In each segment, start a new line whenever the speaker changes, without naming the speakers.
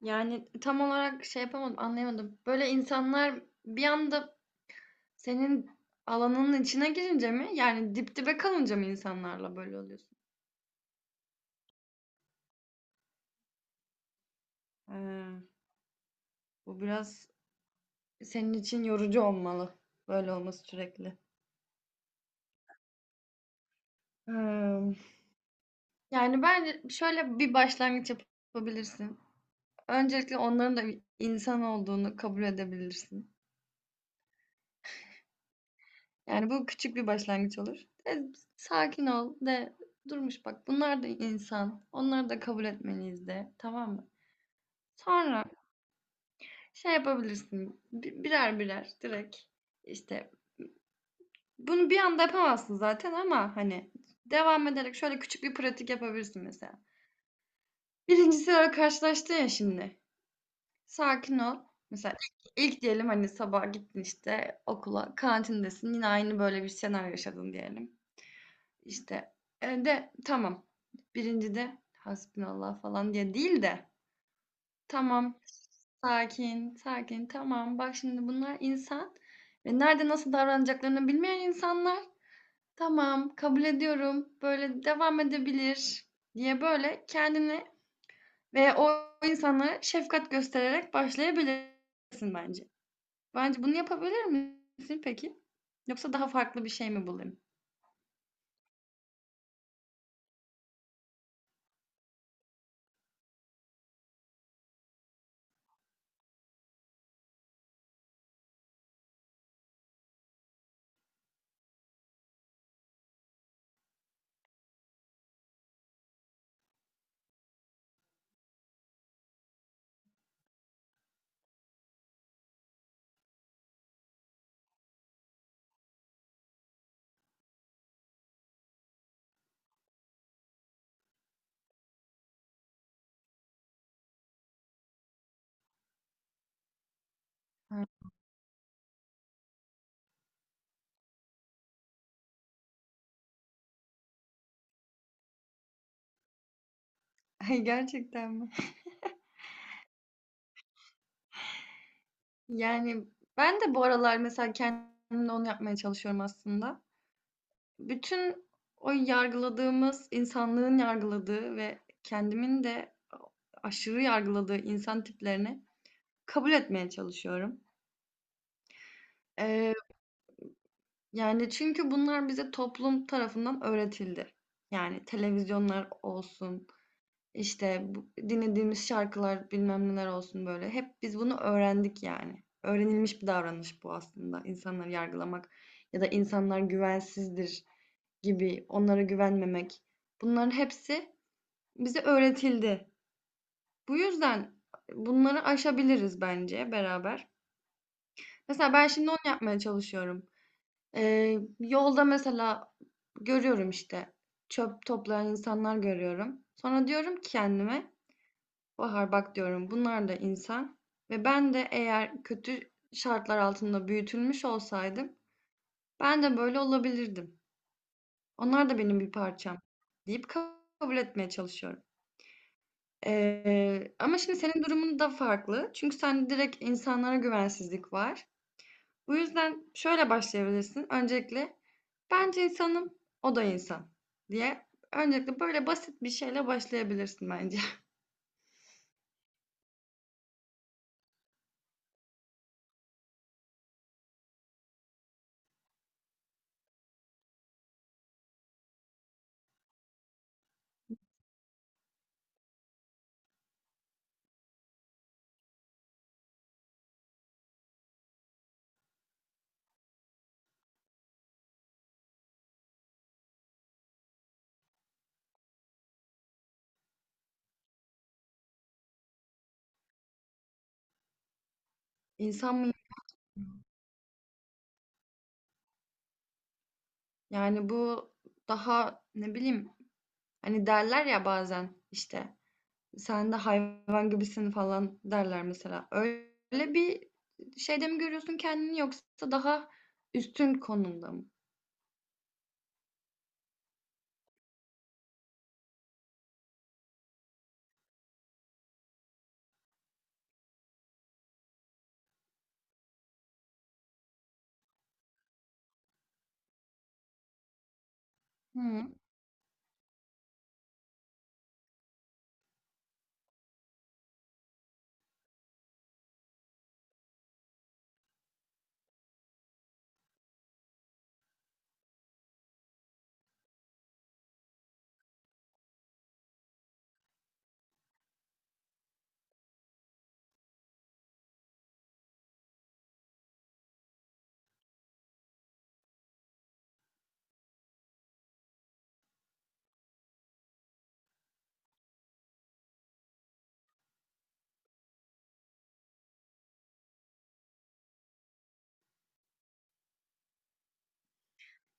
Yani tam olarak şey yapamadım, anlayamadım. Böyle insanlar bir anda senin alanının içine girince mi? Yani dip dibe kalınca mı insanlarla böyle oluyorsun? Ee, Bu biraz senin için yorucu olmalı böyle olması sürekli. Hmm, Yani bence şöyle bir başlangıç yapabilirsin. Öncelikle onların da bir insan olduğunu kabul edebilirsin. Yani bu küçük bir başlangıç olur. E, Sakin ol de durmuş bak bunlar da insan. Onları da kabul etmeliyiz de tamam mı? Sonra şey yapabilirsin birer birer direkt işte bunu bir anda yapamazsın zaten ama hani devam ederek şöyle küçük bir pratik yapabilirsin mesela. Birincisi öyle karşılaştın ya şimdi. Sakin ol. Mesela ilk diyelim hani sabah gittin işte okula kantindesin yine aynı böyle bir senaryo yaşadın diyelim. İşte de tamam. 1.'de hasbinallah falan diye değil de tamam, sakin, sakin, tamam. Bak şimdi bunlar insan ve nerede nasıl davranacaklarını bilmeyen insanlar. Tamam, kabul ediyorum. Böyle devam edebilir diye böyle kendini ve o insanlara şefkat göstererek başlayabilirsin bence. Bence bunu yapabilir misin peki? Yoksa daha farklı bir şey mi bulayım? Hı. Gerçekten mi? Yani ben de bu aralar mesela kendimle onu yapmaya çalışıyorum aslında. Bütün o yargıladığımız, insanlığın yargıladığı ve kendimin de aşırı yargıladığı insan tiplerini kabul etmeye çalışıyorum. Eee, Yani çünkü bunlar bize toplum tarafından öğretildi. Yani televizyonlar olsun, İşte, bu dinlediğimiz şarkılar, bilmem neler olsun böyle. Hep biz bunu öğrendik yani. Öğrenilmiş bir davranış bu aslında. İnsanları yargılamak ya da insanlar güvensizdir gibi onlara güvenmemek. Bunların hepsi bize öğretildi. Bu yüzden bunları aşabiliriz bence beraber. Mesela ben şimdi onu yapmaya çalışıyorum. Yolda mesela görüyorum işte çöp toplayan insanlar görüyorum. Sonra diyorum ki kendime Bahar bak diyorum bunlar da insan ve ben de eğer kötü şartlar altında büyütülmüş olsaydım ben de böyle olabilirdim. Onlar da benim bir parçam deyip kabul etmeye çalışıyorum. Ama şimdi senin durumun da farklı. Çünkü sende direkt insanlara güvensizlik var. Bu yüzden şöyle başlayabilirsin. Öncelikle bence insanım, o da insan diye. Öncelikle böyle basit bir şeyle başlayabilirsin bence. İnsan mı? Yani bu daha ne bileyim hani derler ya bazen işte sen de hayvan gibisin falan derler mesela. Öyle bir şeyde mi görüyorsun kendini yoksa daha üstün konumda mı? Hımm.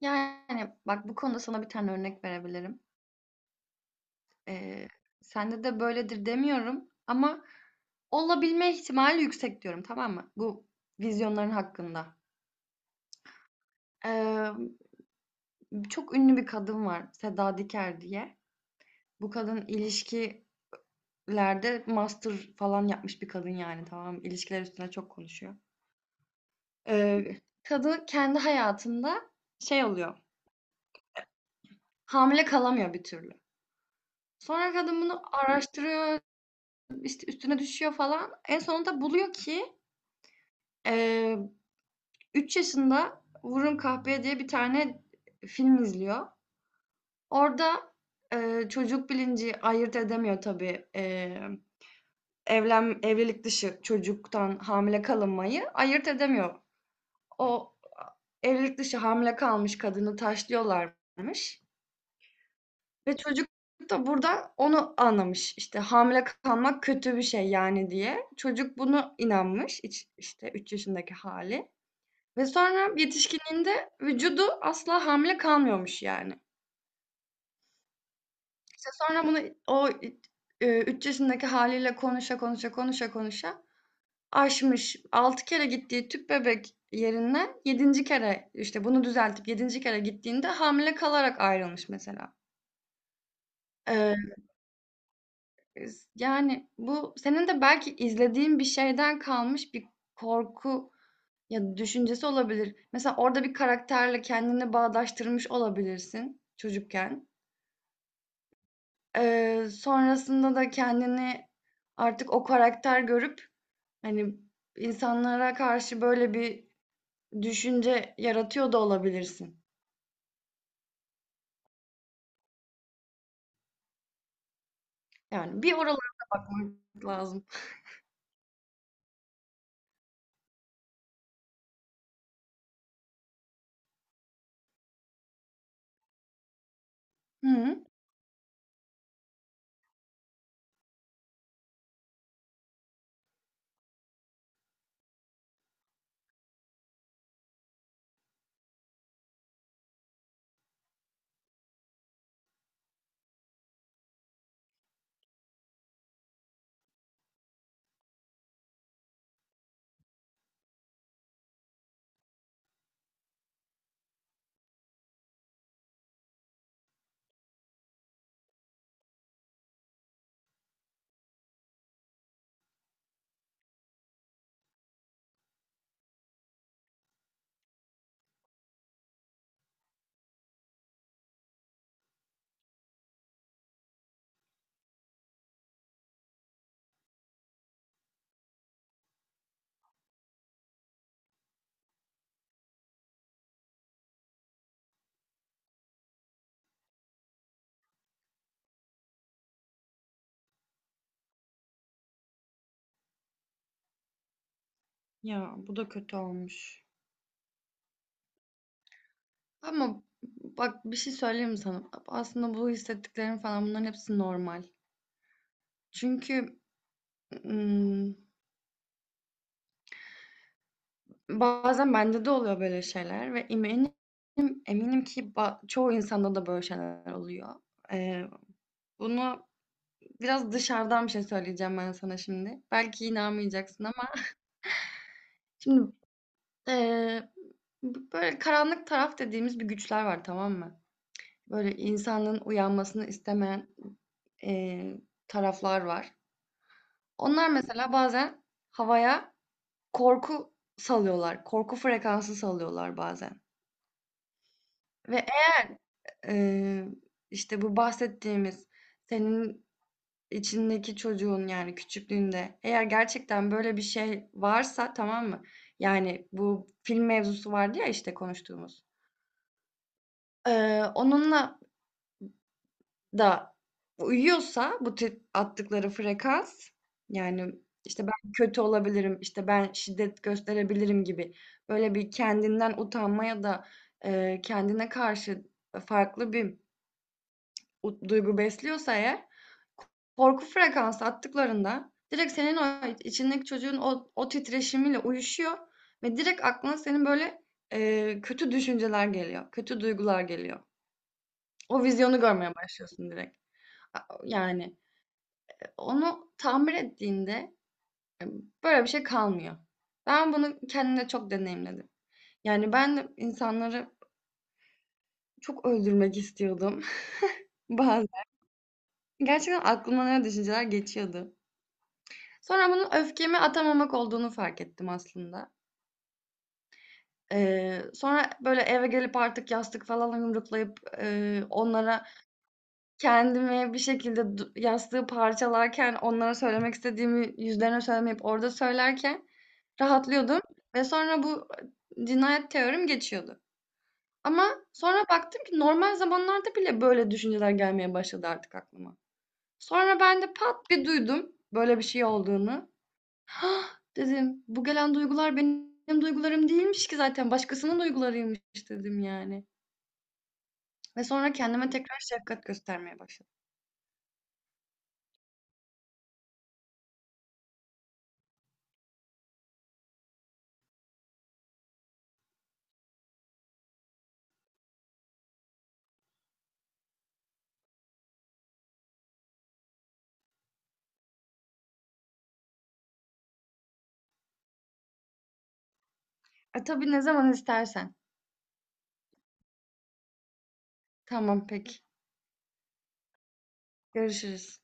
Yani bak bu konuda sana bir tane örnek verebilirim. Eee, Sende de böyledir demiyorum ama olabilme ihtimali yüksek diyorum, tamam mı? Bu vizyonların hakkında. Emm, Çok ünlü bir kadın var, Seda Diker diye. Bu kadın ilişki lerde master falan yapmış bir kadın, yani tamam, ilişkiler üstüne çok konuşuyor. Ee, Kadın kendi hayatında şey oluyor. Hamile kalamıyor bir türlü. Sonra kadın bunu araştırıyor, işte üstüne düşüyor falan. En sonunda buluyor ki e, 3 yaşında Vurun Kahpeye diye bir tane film izliyor. Orada çocuk bilinci ayırt edemiyor tabii. E, evlen evlilik dışı çocuktan hamile kalınmayı ayırt edemiyor. O evlilik dışı hamile kalmış kadını taşlıyorlarmış ve çocuk da burada onu anlamış. İşte hamile kalmak kötü bir şey yani diye. Çocuk bunu inanmış, işte 3 yaşındaki hali ve sonra yetişkinliğinde vücudu asla hamile kalmıyormuş yani. İşte sonra bunu o, 3 yaşındaki haliyle konuşa, konuşa, konuşa, konuşa aşmış. 6 kere gittiği tüp bebek yerinden yedinci kere, işte, bunu düzeltip yedinci kere gittiğinde hamile kalarak ayrılmış mesela. Eee, Yani, bu senin de belki izlediğin bir şeyden kalmış bir korku ya da düşüncesi olabilir. Mesela orada bir karakterle kendini bağdaştırmış olabilirsin çocukken. Sonrasında da kendini artık o karakter görüp, hani, insanlara karşı böyle bir düşünce yaratıyor da olabilirsin. Yani bir oralara bakmak lazım. Hı hı. Ya bu da kötü olmuş. Ama bak bir şey söyleyeyim mi sana? Aslında bu hissettiklerim falan bunların hepsi normal. Çünkü ım, bazen bende de oluyor böyle şeyler ve eminim ki çoğu insanda da böyle şeyler oluyor. Ee, Bunu biraz dışarıdan bir şey söyleyeceğim ben sana şimdi. Belki inanmayacaksın ama şimdi Eee, böyle karanlık taraf dediğimiz bir güçler var, tamam mı? Böyle insanın uyanmasını istemeyen, eee, taraflar var. Onlar mesela bazen havaya korku salıyorlar, korku frekansı salıyorlar bazen ve eğer, eee, işte bu bahsettiğimiz senin içindeki çocuğun, yani küçüklüğünde eğer gerçekten böyle bir şey varsa, tamam mı? Yani bu film mevzusu vardı ya, işte, konuştuğumuz. Onunla da uyuyorsa bu tip attıkları frekans, yani, işte, ben kötü olabilirim, işte, ben şiddet gösterebilirim gibi böyle bir kendinden utanma ya da, kendine karşı farklı bir duygu besliyorsa eğer, korku frekansı attıklarında direkt senin o içindeki çocuğun o titreşimiyle uyuşuyor ve direkt aklına senin böyle, kötü düşünceler geliyor, kötü duygular geliyor. O vizyonu görmeye başlıyorsun direkt. A yani. Onu tamir ettiğinde e, böyle bir şey kalmıyor. Ben bunu kendimde çok deneyimledim. Yani ben de insanları çok öldürmek istiyordum bazen. Gerçekten aklımdan öyle düşünceler geçiyordu. Sonra bunun öfkemi atamamak olduğunu fark ettim aslında. Sonra böyle eve gelip artık yastık falan yumruklayıp onlara kendimi bir şekilde yastığı parçalarken, onlara söylemek istediğimi yüzlerine söylemeyip orada söylerken rahatlıyordum ve sonra bu, cinayet teorim geçiyordu. Ama sonra baktım ki normal zamanlarda bile böyle düşünceler gelmeye başladı artık aklıma. Sonra ben de pat bir duydum böyle bir şey olduğunu. "Hah!" dedim. "Bu gelen duygular benim duygularım değilmiş ki zaten başkasının duygularıymış." dedim yani. Ve sonra kendime tekrar şefkat göstermeye başladım. Tabii ne zaman istersen. Tamam, peki. Görüşürüz.